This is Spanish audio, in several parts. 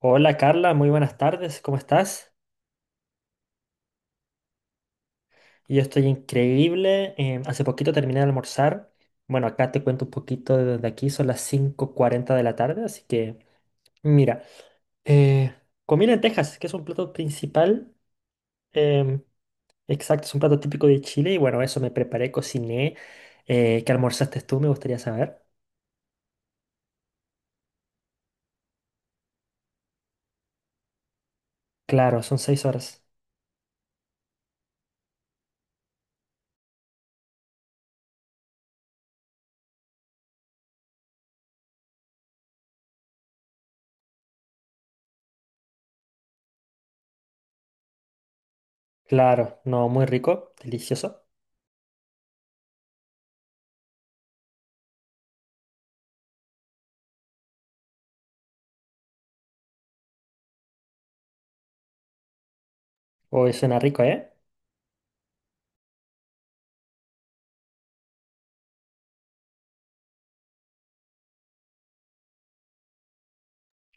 Hola Carla, muy buenas tardes, ¿cómo estás? Yo estoy increíble, hace poquito terminé de almorzar. Bueno, acá te cuento un poquito desde aquí, son las 5:40 de la tarde, así que mira, eh, comí lentejas, que es un plato principal. em, exacto, es un plato típico de Chile y bueno, eso me preparé, cociné. ¿Qué almorzaste tú? Me gustaría saber. Claro, son 6 horas. Claro, no, muy rico, delicioso. Hoy suena rico, ¿eh?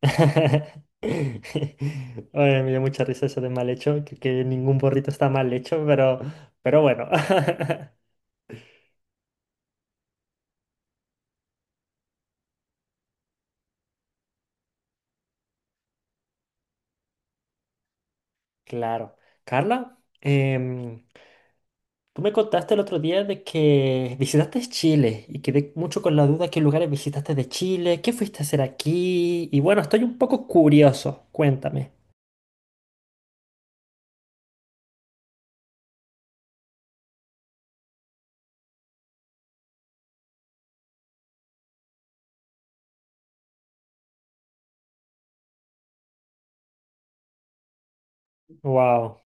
Oye, me dio mucha risa eso de mal hecho, que ningún burrito está mal hecho, pero bueno. Claro. Carla, tú me contaste el otro día de que visitaste Chile y quedé mucho con la duda qué lugares visitaste de Chile, qué fuiste a hacer aquí. Y bueno, estoy un poco curioso, cuéntame. Wow,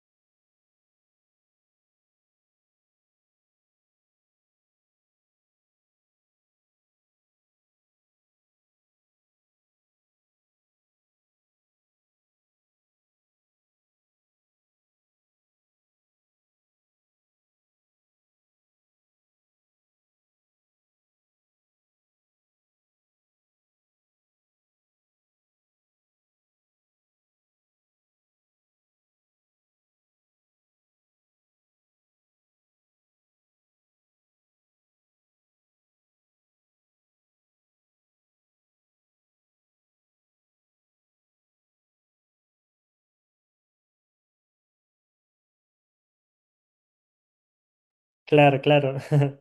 claro, claro.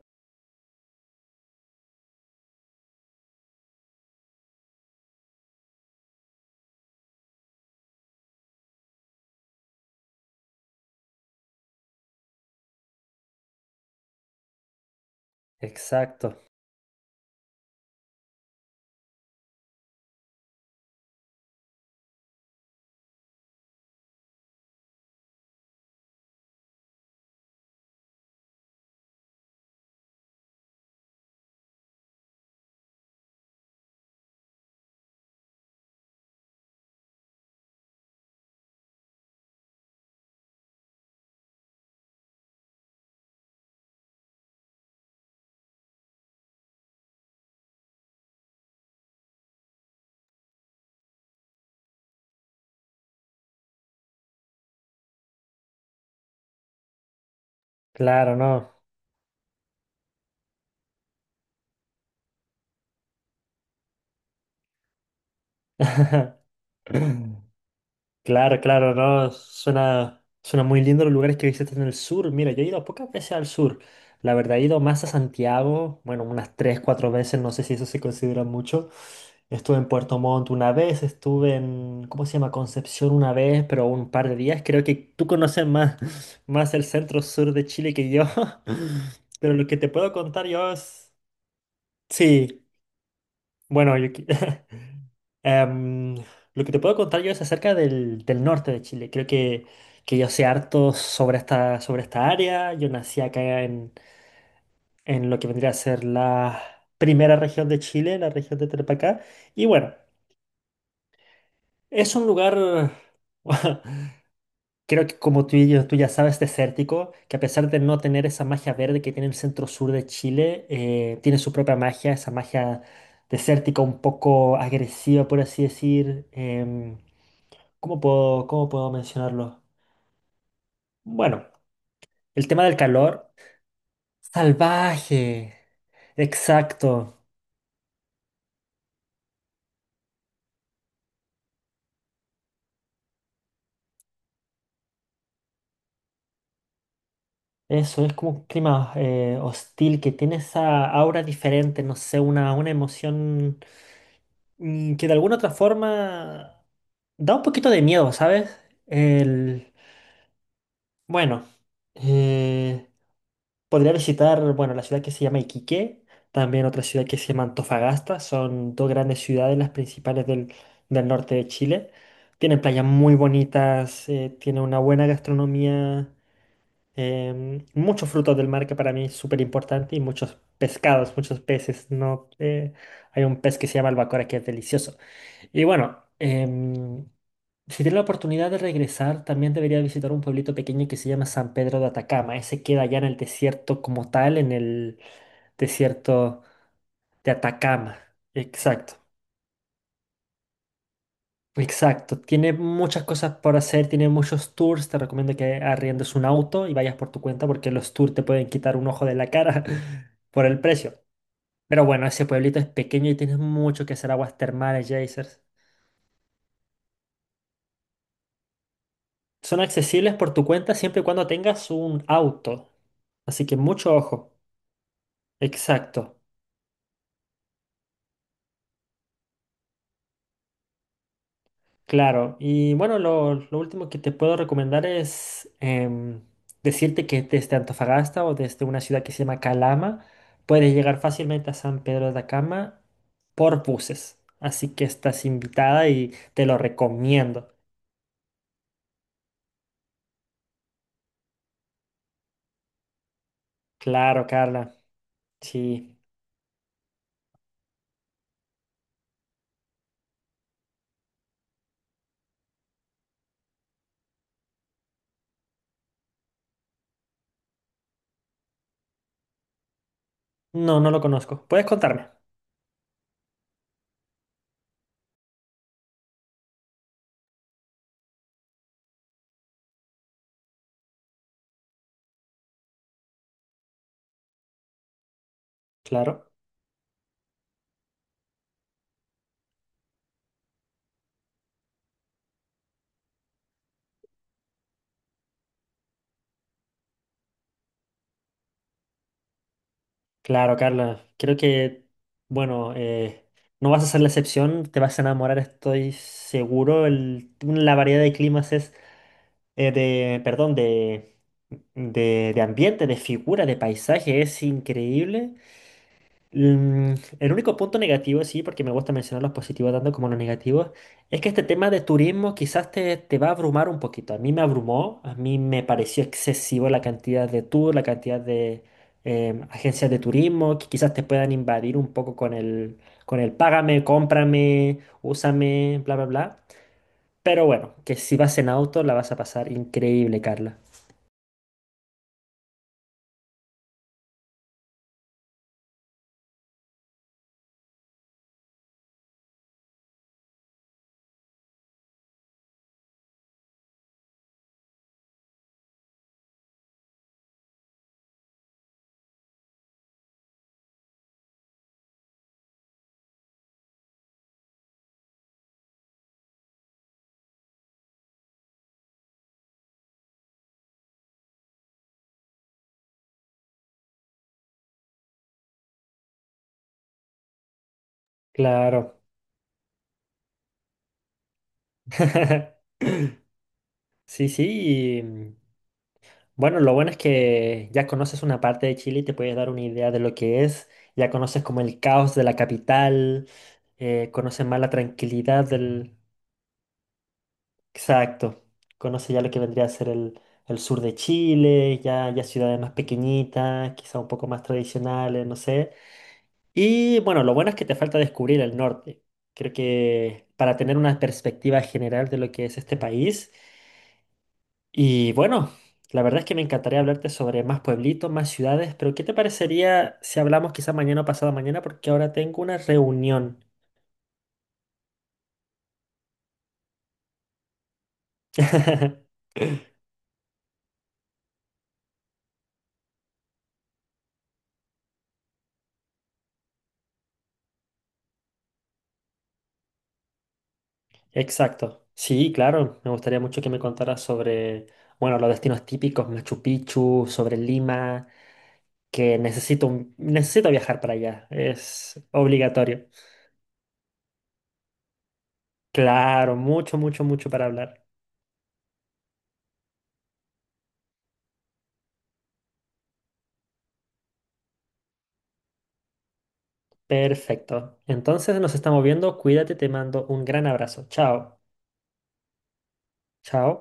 Exacto, claro, no. Claro, claro, no, suena muy lindo los lugares que visitas en el sur. Mira, yo he ido pocas veces al sur. La verdad, he ido más a Santiago, bueno, unas tres, cuatro veces, no sé si eso se considera mucho. Estuve en Puerto Montt una vez, estuve en, ¿cómo se llama? Concepción una vez, pero un par de días. Creo que tú conoces más, más el centro sur de Chile que yo. Pero lo que te puedo contar yo es. Sí, bueno, yo Em, lo que te puedo contar yo es acerca del norte de Chile. Creo que yo sé harto sobre esta área. Yo nací acá en lo que vendría a ser la primera región de Chile, la región de Tarapacá. Y bueno, es un lugar, creo que como tú, tú ya sabes, desértico, que a pesar de no tener esa magia verde que tiene el centro sur de Chile, tiene su propia magia, esa magia desértica un poco agresiva, por así decir. ¿Cómo puedo mencionarlo? Bueno, el tema del calor. Salvaje. Exacto. Eso es como un clima hostil que tiene esa aura diferente, no sé, una emoción que de alguna otra forma da un poquito de miedo, ¿sabes? El, bueno, eh, podría visitar, bueno, la ciudad que se llama Iquique, también otra ciudad que se llama Antofagasta, son dos grandes ciudades, las principales del norte de Chile. Tienen playas muy bonitas, tienen una buena gastronomía. Muchos frutos del mar que para mí es súper importante y muchos pescados, muchos peces, ¿no? Hay un pez que se llama albacora que es delicioso. Y bueno, si tienes la oportunidad de regresar, también debería visitar un pueblito pequeño que se llama San Pedro de Atacama. Ese queda allá en el desierto como tal, en el desierto de Atacama. Exacto. Exacto, tiene muchas cosas por hacer, tiene muchos tours, te recomiendo que arriendes un auto y vayas por tu cuenta porque los tours te pueden quitar un ojo de la cara por el precio. Pero bueno, ese pueblito es pequeño y tienes mucho que hacer, aguas termales, geysers. Son accesibles por tu cuenta siempre y cuando tengas un auto, así que mucho ojo. Exacto. Claro, y bueno, lo último que te puedo recomendar es decirte que desde Antofagasta o desde una ciudad que se llama Calama, puedes llegar fácilmente a San Pedro de Atacama por buses. Así que estás invitada y te lo recomiendo. Claro, Carla. Sí. No, no lo conozco. ¿Puedes contarme? Claro. Claro, Carla. Creo que, bueno, no vas a ser la excepción. Te vas a enamorar, estoy seguro. La variedad de climas es de, perdón, de ambiente, de figura, de paisaje, es increíble. Mm, el único punto negativo, sí, porque me gusta mencionar los positivos tanto como los negativos, es que este tema de turismo quizás te va a abrumar un poquito. A mí me abrumó, a mí me pareció excesivo la cantidad de tours, la cantidad de agencias de turismo que quizás te puedan invadir un poco con el págame, cómprame, úsame, bla, bla, bla. Pero bueno, que si vas en auto la vas a pasar increíble, Carla. Claro. Sí, sí. Y, bueno, lo bueno es que ya conoces una parte de Chile y te puedes dar una idea de lo que es. Ya conoces como el caos de la capital, conoces más la tranquilidad del. Exacto. Conoces ya lo que vendría a ser el sur de Chile, ya, ya ciudades más pequeñitas, quizá un poco más tradicionales, no sé. Y bueno, lo bueno es que te falta descubrir el norte. Creo que para tener una perspectiva general de lo que es este país. Y bueno, la verdad es que me encantaría hablarte sobre más pueblitos, más ciudades, pero ¿qué te parecería si hablamos quizá mañana o pasado mañana? Porque ahora tengo una reunión. Exacto. Sí, claro, me gustaría mucho que me contaras sobre, bueno, los destinos típicos, Machu Picchu, sobre Lima, que necesito, necesito viajar para allá, es obligatorio. Claro, mucho, mucho, mucho para hablar. Perfecto. Entonces nos estamos viendo, cuídate, te mando un gran abrazo. Chao. Chao.